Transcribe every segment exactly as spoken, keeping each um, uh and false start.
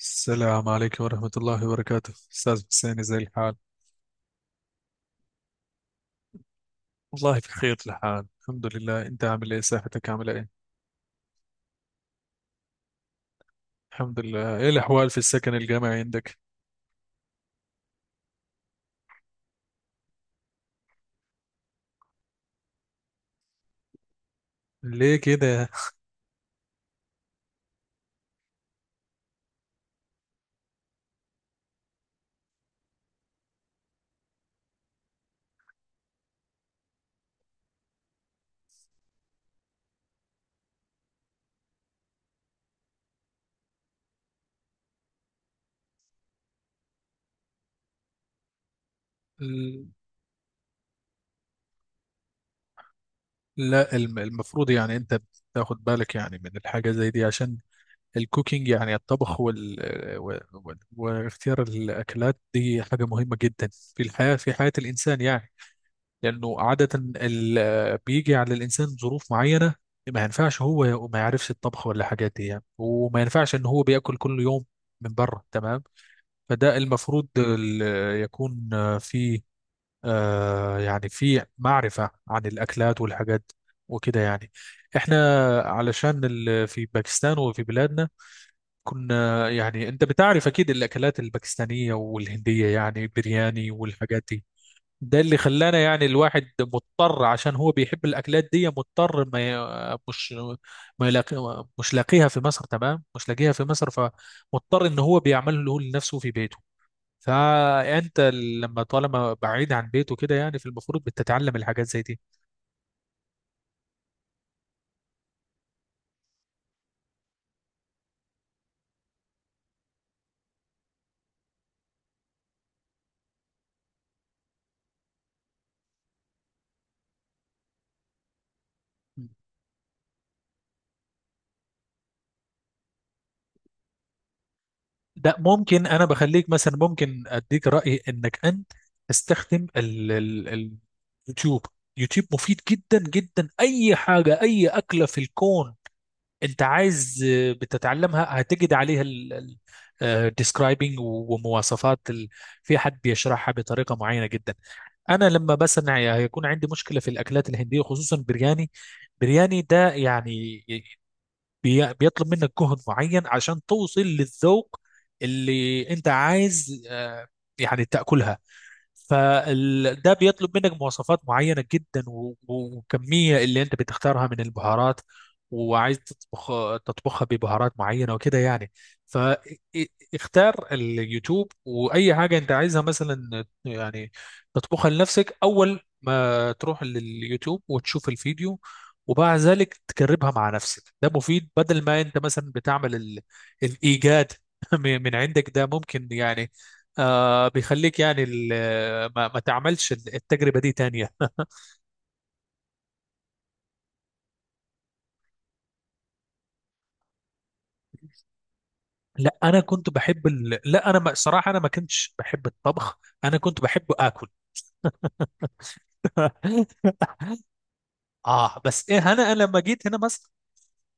السلام عليكم ورحمة الله وبركاته، أستاذ حسين. زي الحال؟ والله بخير الحال، الحمد لله. أنت عامل إيه؟ صحتك عاملة إيه؟ الحمد لله. إيه الأحوال في السكن الجامعي عندك؟ ليه كده؟ ال- لا، الم- المفروض يعني أنت تاخد بالك يعني من الحاجة زي دي، عشان الكوكينج، يعني الطبخ وال... و... و... واختيار الأكلات دي حاجة مهمة جدا في الحياة، في حياة الإنسان يعني. لأنه عادة ال- بيجي على الإنسان ظروف معينة، ما ينفعش هو ما يعرفش الطبخ ولا حاجات دي يعني، وما ينفعش إن هو بياكل كل يوم من بره، تمام. فده المفروض ال- يكون في، آه، يعني في معرفة عن الأكلات والحاجات وكده يعني. احنا علشان ال- في باكستان وفي بلادنا كنا، يعني انت بتعرف اكيد الاكلات الباكستانية والهندية، يعني برياني والحاجات دي. ده اللي خلانا يعني الواحد مضطر، عشان هو بيحب الاكلات دي، مضطر ما ي- مش ما يلاقي، مش لاقيها في مصر، تمام. مش لاقيها في مصر، فمضطر ان هو بيعمله لنفسه في بيته. فانت لما طالما بعيد عن بيته كده، يعني في المفروض بتتعلم الحاجات زي دي. ده ممكن. انا بخليك مثلا، ممكن اديك رايي انك انت تستخدم ال- ال- اليوتيوب. يوتيوب مفيد جدا جدا، اي حاجه، اي اكله في الكون انت عايز، آه، بتتعلمها، هتجد عليها الديسكرايبنج ومواصفات ال- في حد بيشرحها بطريقه معينه جدا. انا لما مثلا هيكون عندي مشكله في الاكلات الهنديه، خصوصا برياني. برياني ده يعني بي- بيطلب منك جهد معين عشان توصل للذوق اللي انت عايز، آه، يعني تاكلها. فده بيطلب منك مواصفات معينة جدا، و- و- وكمية اللي انت بتختارها من البهارات، وعايز تطبخ تطبخها ببهارات معينة وكده يعني. فاختار اليوتيوب، وأي حاجة انت عايزها مثلا يعني تطبخها لنفسك. أول ما تروح لليوتيوب وتشوف الفيديو، وبعد ذلك تجربها مع نفسك، ده مفيد. بدل ما انت مثلا بتعمل ال- الإيجاد من عندك، ده ممكن يعني آه بيخليك يعني ال- ما, ما تعملش التجربة دي تانية. لا، أنا كنت بحب ال... لا أنا ما... صراحة أنا ما كنتش بحب الطبخ، أنا كنت بحب آكل. آه بس إيه، أنا أنا لما جيت هنا مثلا،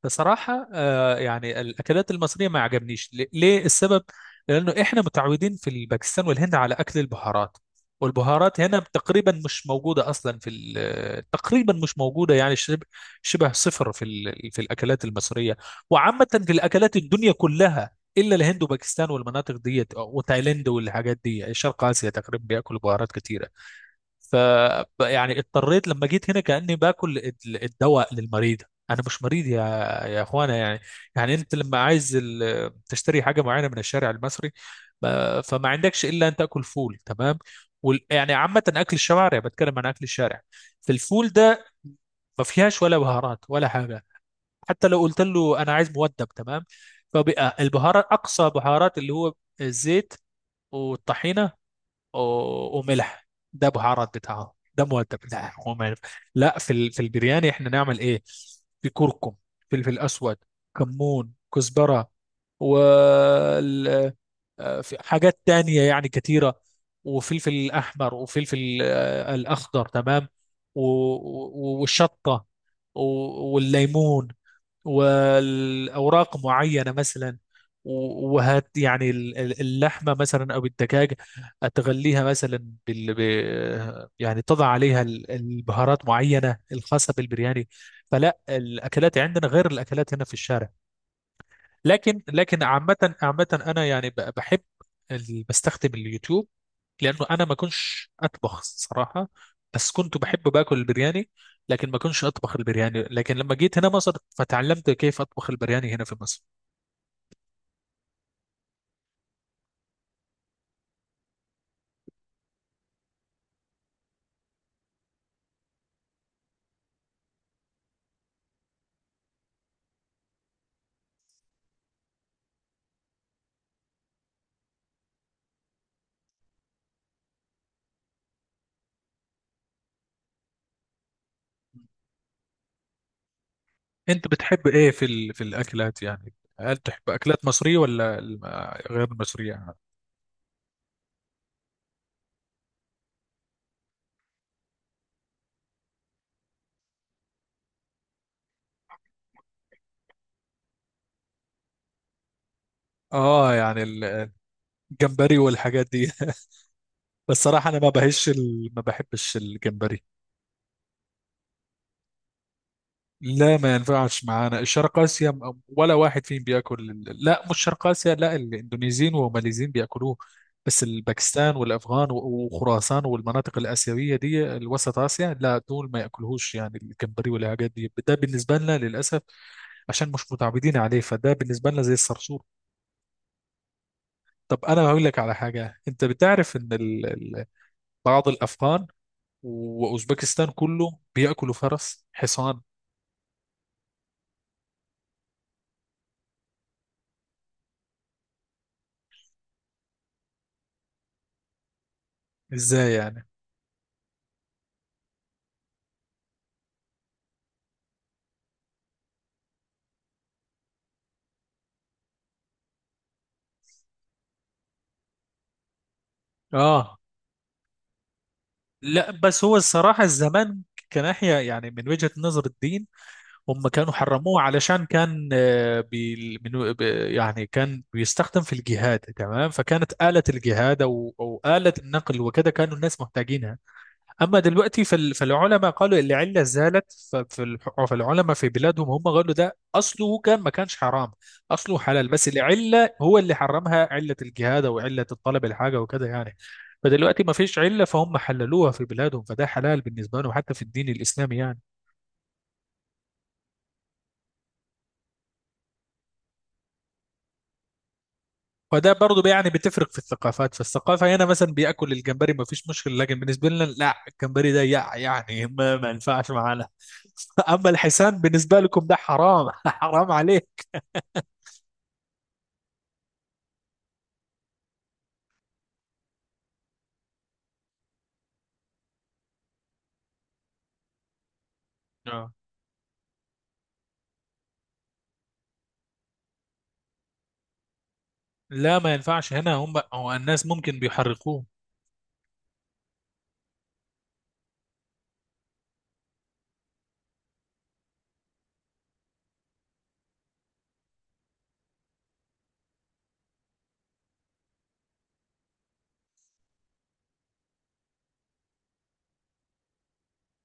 بصراحة، آه، يعني الأكلات المصرية ما عجبنيش. ل- ليه السبب؟ لأنه إحنا متعودين في الباكستان والهند على أكل البهارات، والبهارات هنا تقريبا مش موجودة أصلا في ال- تقريبا مش موجودة، يعني شبه شبه صفر في ال- في الأكلات المصرية. وعامة في الأكلات الدنيا كلها، إلا الهند وباكستان والمناطق ديت وتايلاند والحاجات دي. شرق آسيا تقريبا بياكلوا بهارات كتيرة. ف يعني اضطريت لما جيت هنا كأني باكل ال- الدواء للمريض. انا مش مريض يا يا اخوانا يعني. يعني انت لما عايز ال... تشتري حاجه معينه من الشارع المصري، ما- فما عندكش الا ان تاكل فول، تمام. وال... يعني عامه، اكل الشوارع، بتكلم عن اكل الشارع. فالفول ده ما فيهاش ولا بهارات ولا حاجه. حتى لو قلت له انا عايز مودب، تمام. فبقى البهارات، اقصى بهارات اللي هو الزيت والطحينه و- وملح. ده بهارات بتاعها؟ ده مؤدب؟ لا، هو ما ينفع. لا، في ال... في البرياني احنا نعمل ايه؟ في كركم، فلفل اسود، كمون، كزبره، وال... آه، في حاجات تانية يعني كتيرة. وفلفل أحمر، وفلفل آه، الأخضر، تمام. و... و- والشطة و- والليمون، والاوراق معينه مثلا. و- وهت يعني ال- ال- اللحمه مثلا او الدجاج، تغليها مثلا بال ب... يعني تضع عليها ال- البهارات معينه الخاصه بالبرياني. فلا الاكلات عندنا غير الاكلات هنا في الشارع. لكن لكن عامة عامة أنا يعني ب- بحب ال- بستخدم اليوتيوب، لأنه أنا ما كنتش أطبخ صراحة. بس كنت بحب باكل البرياني، لكن ما كنتش أطبخ البرياني، لكن لما جيت هنا مصر فتعلمت كيف أطبخ البرياني هنا في مصر. أنت بتحب إيه في ال... في الأكلات يعني؟ هل تحب أكلات مصرية ولا الم- غير مصرية؟ آه يعني الجمبري والحاجات دي. بس صراحة أنا ما بهش ال... ما بحبش الجمبري. لا ما ينفعش معانا الشرق آسيا، م- ولا واحد فيهم بياكل ال- لا مش شرق آسيا، لا. الاندونيسيين والماليزيين بياكلوه. بس الباكستان والأفغان و- وخراسان والمناطق الآسيوية دي، الوسط آسيا، لا دول ما ياكلوهوش يعني الجمبري والحاجات دي. ده بالنسبة لنا للأسف عشان مش متعودين عليه، فده بالنسبة لنا زي الصرصور. طب أنا هقول لك على حاجة. أنت بتعرف إن ال- ال- بعض الأفغان وأوزبكستان كله بياكلوا فرس حصان؟ إزاي يعني؟ اه. لا، بس هو الصراحة الزمان، كناحية يعني من وجهة نظر الدين، هم كانوا حرموه علشان كان، آه، بي من ب- يعني كان بيستخدم في الجهاد، تمام. فكانت آلة الجهاد، أو أو آلة النقل وكذا، كانوا الناس محتاجينها. اما دلوقتي فال- فالعلماء قالوا العله زالت. ف- فال- فالعلماء في بلادهم هم قالوا ده اصله كان ما كانش حرام، اصله حلال، بس العله هو اللي حرمها، عله الجهاد او عله الطلب الحاجه وكده يعني. فدلوقتي ما فيش عله، فهم حللوها في بلادهم، فده حلال بالنسبه لهم حتى في الدين الاسلامي يعني. فده برضه يعني بتفرق في الثقافات. فالثقافه هنا مثلا بياكل الجمبري ما فيش مشكله، لكن بالنسبه لنا لا، الجمبري ده يع- يعني ما ما ينفعش معانا. اما الحسان بالنسبه لكم ده حرام. حرام عليه. لا ما ينفعش هنا، هم هو الناس ممكن بيحرقوه.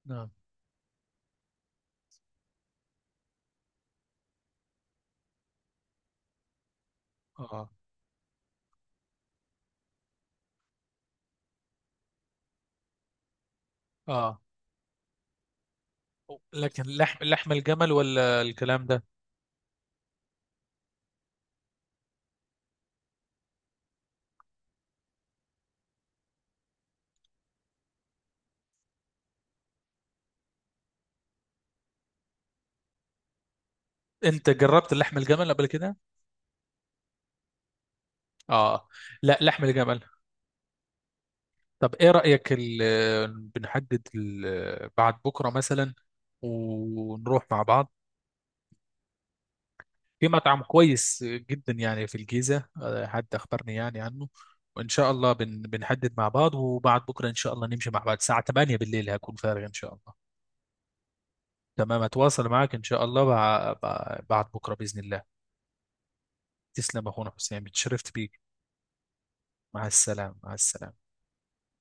نعم. اه، اه، لكن لحم لحم الجمل ولا الكلام ده؟ انت جربت لحم الجمل قبل كده؟ اه. لا، لحم الجمل. طب ايه رأيك ال... بنحدد ال... بعد بكرة مثلا ونروح مع بعض في مطعم كويس جدا يعني في الجيزة، آه، حد اخبرني يعني عنه. وان شاء الله بن... بنحدد مع بعض، وبعد بكرة ان شاء الله نمشي مع بعض الساعة تمانية بالليل، هكون فارغ ان شاء الله. تمام، اتواصل معاك ان شاء الله بع- بع- بعد بكره باذن الله. تسلم يا اخونا حسين، اتشرفت بيك. مع السلامه، مع السلامه.